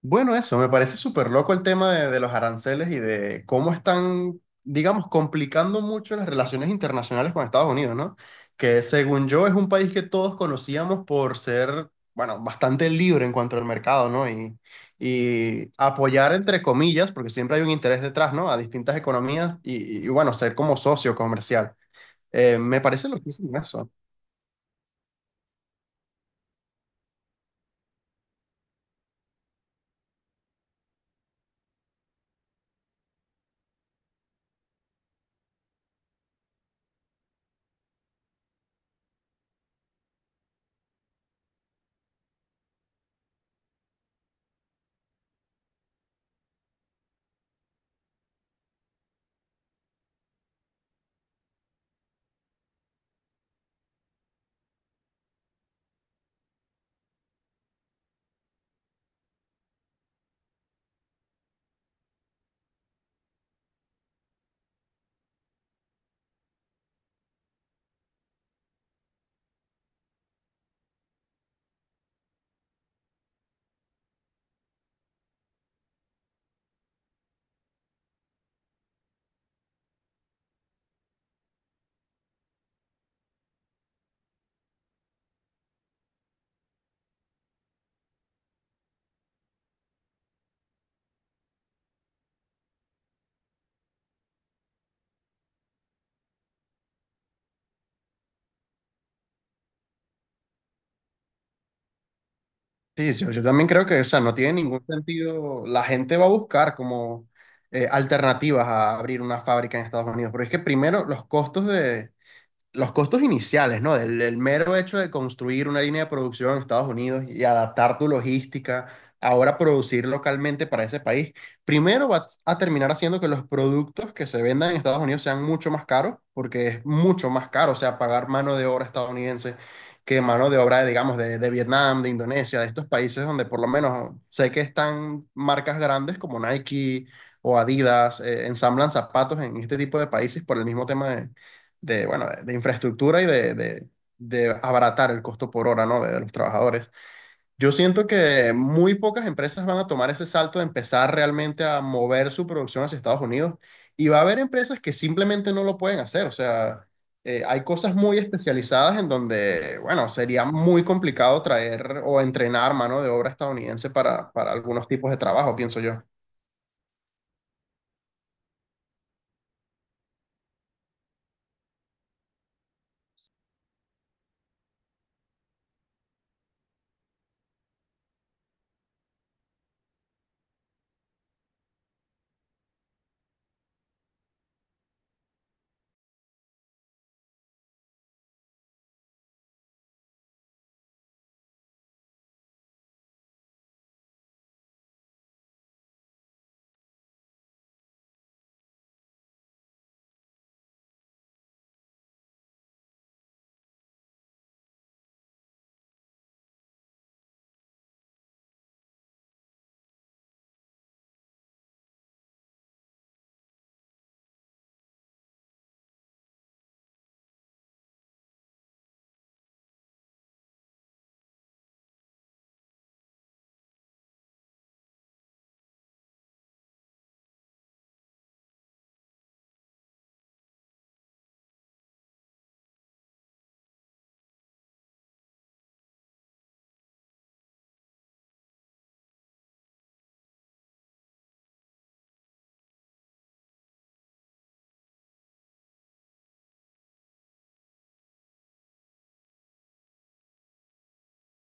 Bueno, eso, me parece súper loco el tema de los aranceles y de cómo están, digamos, complicando mucho las relaciones internacionales con Estados Unidos, ¿no? Que según yo es un país que todos conocíamos por ser, bueno, bastante libre en cuanto al mercado, ¿no? Y apoyar, entre comillas, porque siempre hay un interés detrás, ¿no? A distintas economías y, bueno, ser como socio comercial. Me parece loquísimo eso. Sí, yo también creo que, o sea, no tiene ningún sentido. La gente va a buscar como alternativas a abrir una fábrica en Estados Unidos, pero es que primero los los costos iniciales, ¿no? Del mero hecho de construir una línea de producción en Estados Unidos y adaptar tu logística, ahora producir localmente para ese país, primero va a terminar haciendo que los productos que se vendan en Estados Unidos sean mucho más caros, porque es mucho más caro, o sea, pagar mano de obra estadounidense que mano de obra, digamos, de Vietnam, de Indonesia, de estos países donde por lo menos sé que están marcas grandes como Nike o Adidas, ensamblan zapatos en este tipo de países por el mismo tema de, bueno, de infraestructura y de abaratar el costo por hora, ¿no? De los trabajadores. Yo siento que muy pocas empresas van a tomar ese salto de empezar realmente a mover su producción hacia Estados Unidos y va a haber empresas que simplemente no lo pueden hacer. O sea, hay cosas muy especializadas en donde, bueno, sería muy complicado traer o entrenar mano de obra estadounidense para algunos tipos de trabajo, pienso yo.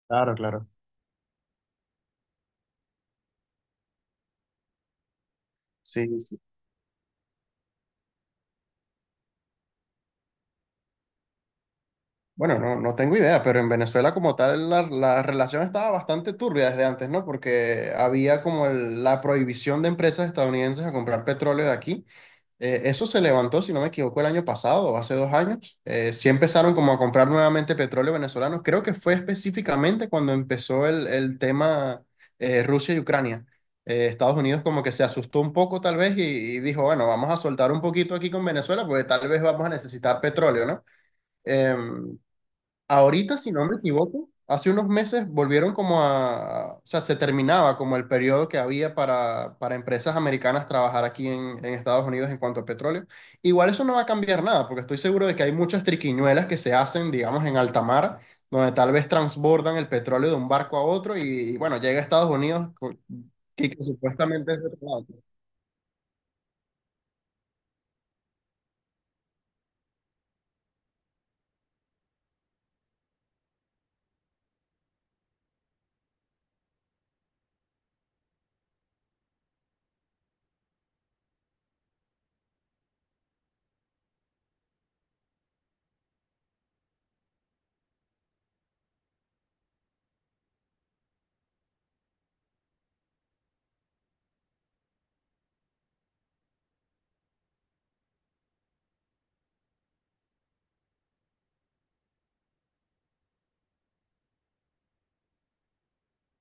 Claro, claro. Sí, sí. Bueno, no, no tengo idea, pero en Venezuela como tal la relación estaba bastante turbia desde antes, ¿no? Porque había como el- la prohibición de empresas estadounidenses a comprar petróleo de aquí. Eso se levantó, si no me equivoco, el año pasado o hace dos años. Sí empezaron como a comprar nuevamente petróleo venezolano. Creo que fue específicamente cuando empezó el tema Rusia y Ucrania. Estados Unidos como que se asustó un poco tal vez y dijo, bueno, vamos a soltar un poquito aquí con Venezuela porque tal vez vamos a necesitar petróleo, ¿no? Em, Ahorita, si no me equivoco, hace unos meses volvieron como a, o sea, se terminaba como el periodo que había para empresas americanas trabajar aquí en Estados Unidos en cuanto a petróleo. Igual eso no va a cambiar nada, porque estoy seguro de que hay muchas triquiñuelas que se hacen, digamos, en alta mar, donde tal vez transbordan el petróleo de un barco a otro y, bueno, llega a Estados Unidos co- y que supuestamente es de otro lado.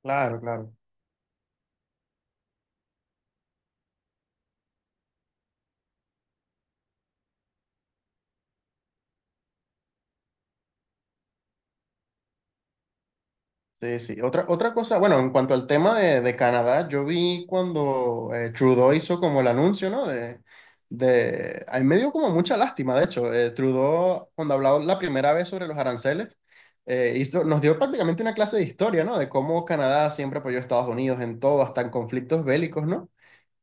Claro, claro. Sí, sí. Otra, otra cosa, bueno, en cuanto al tema de Canadá, yo vi cuando Trudeau hizo como el anuncio, ¿no? A mí me dio como mucha lástima, de hecho. Trudeau, cuando habló la primera vez sobre los aranceles, hizo- nos dio prácticamente una clase de historia, ¿no? De cómo Canadá siempre apoyó a Estados Unidos en todo, hasta en conflictos bélicos, ¿no?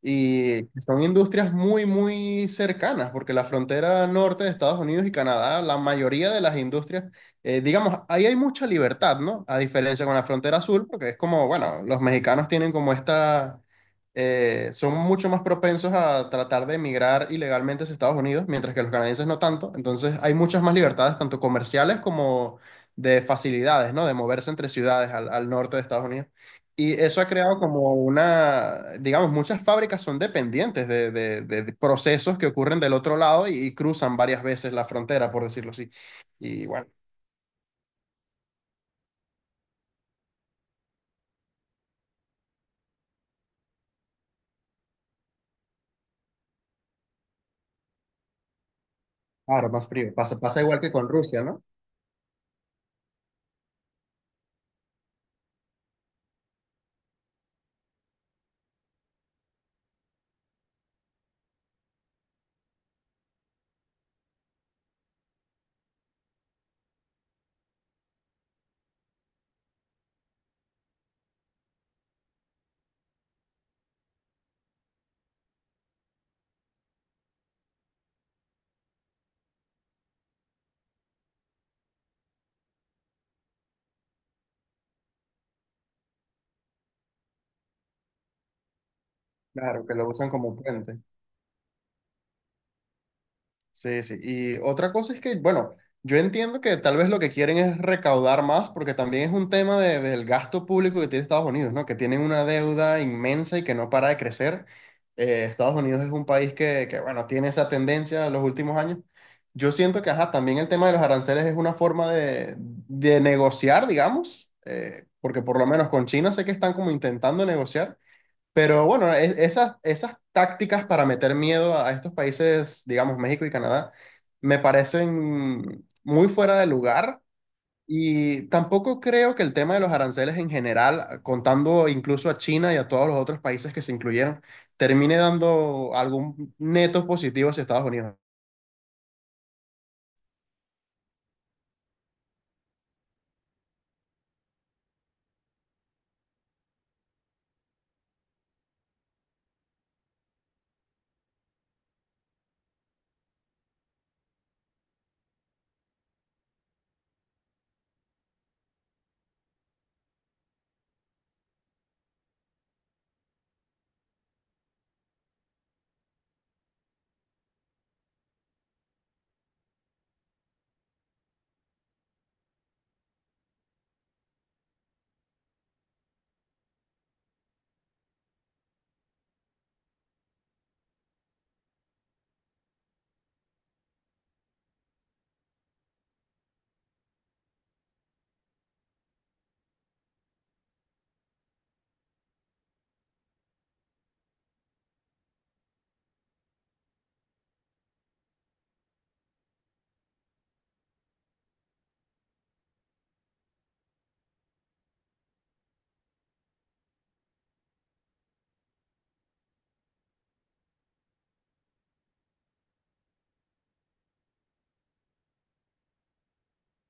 Y son industrias muy, muy cercanas, porque la frontera norte de Estados Unidos y Canadá, la mayoría de las industrias, digamos, ahí hay mucha libertad, ¿no? A diferencia con la frontera sur, porque es como, bueno, los mexicanos tienen como esta, son mucho más propensos a tratar de emigrar ilegalmente hacia Estados Unidos, mientras que los canadienses no tanto. Entonces hay muchas más libertades, tanto comerciales como de facilidades, ¿no? De moverse entre ciudades al norte de Estados Unidos. Y eso ha creado como una, digamos, muchas fábricas son dependientes de procesos que ocurren del otro lado y cruzan varias veces la frontera, por decirlo así. Y bueno, claro, más frío. Pasa, pasa igual que con Rusia, ¿no? Claro, que lo usan como puente. Sí, sí. Y otra cosa es que, bueno, yo entiendo que tal vez lo que quieren es recaudar más, porque también es un tema de- del gasto público que tiene Estados Unidos, ¿no? Que tienen una deuda inmensa y que no para de crecer. Estados Unidos es un país que, bueno, tiene esa tendencia en los últimos años. Yo siento que, ajá, también el tema de los aranceles es una forma de negociar, digamos, porque por lo menos con China sé que están como intentando negociar. Pero bueno, e- esas, esas tácticas para meter miedo a estos países, digamos México y Canadá, me parecen muy fuera de lugar y tampoco creo que el tema de los aranceles en general, contando incluso a China y a todos los otros países que se incluyeron, termine dando algún neto positivo hacia Estados Unidos.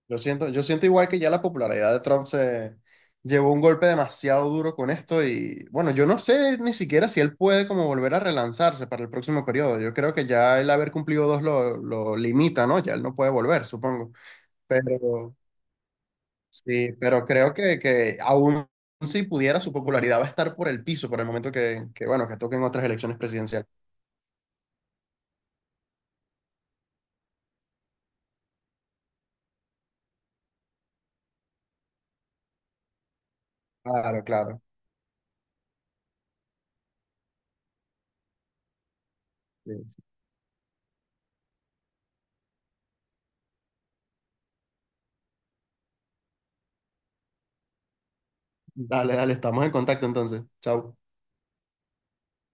Yo siento igual que ya la popularidad de Trump se llevó un golpe demasiado duro con esto y bueno, yo no sé ni siquiera si él puede como volver a relanzarse para el próximo periodo. Yo creo que ya el haber cumplido dos lo limita, ¿no? Ya él no puede volver, supongo. Pero sí, pero creo que aún si pudiera, su popularidad va a estar por el piso por el momento que bueno, que toquen otras elecciones presidenciales. Claro, claro. Sí, sí. Dale, dale, estamos en contacto entonces. Chao.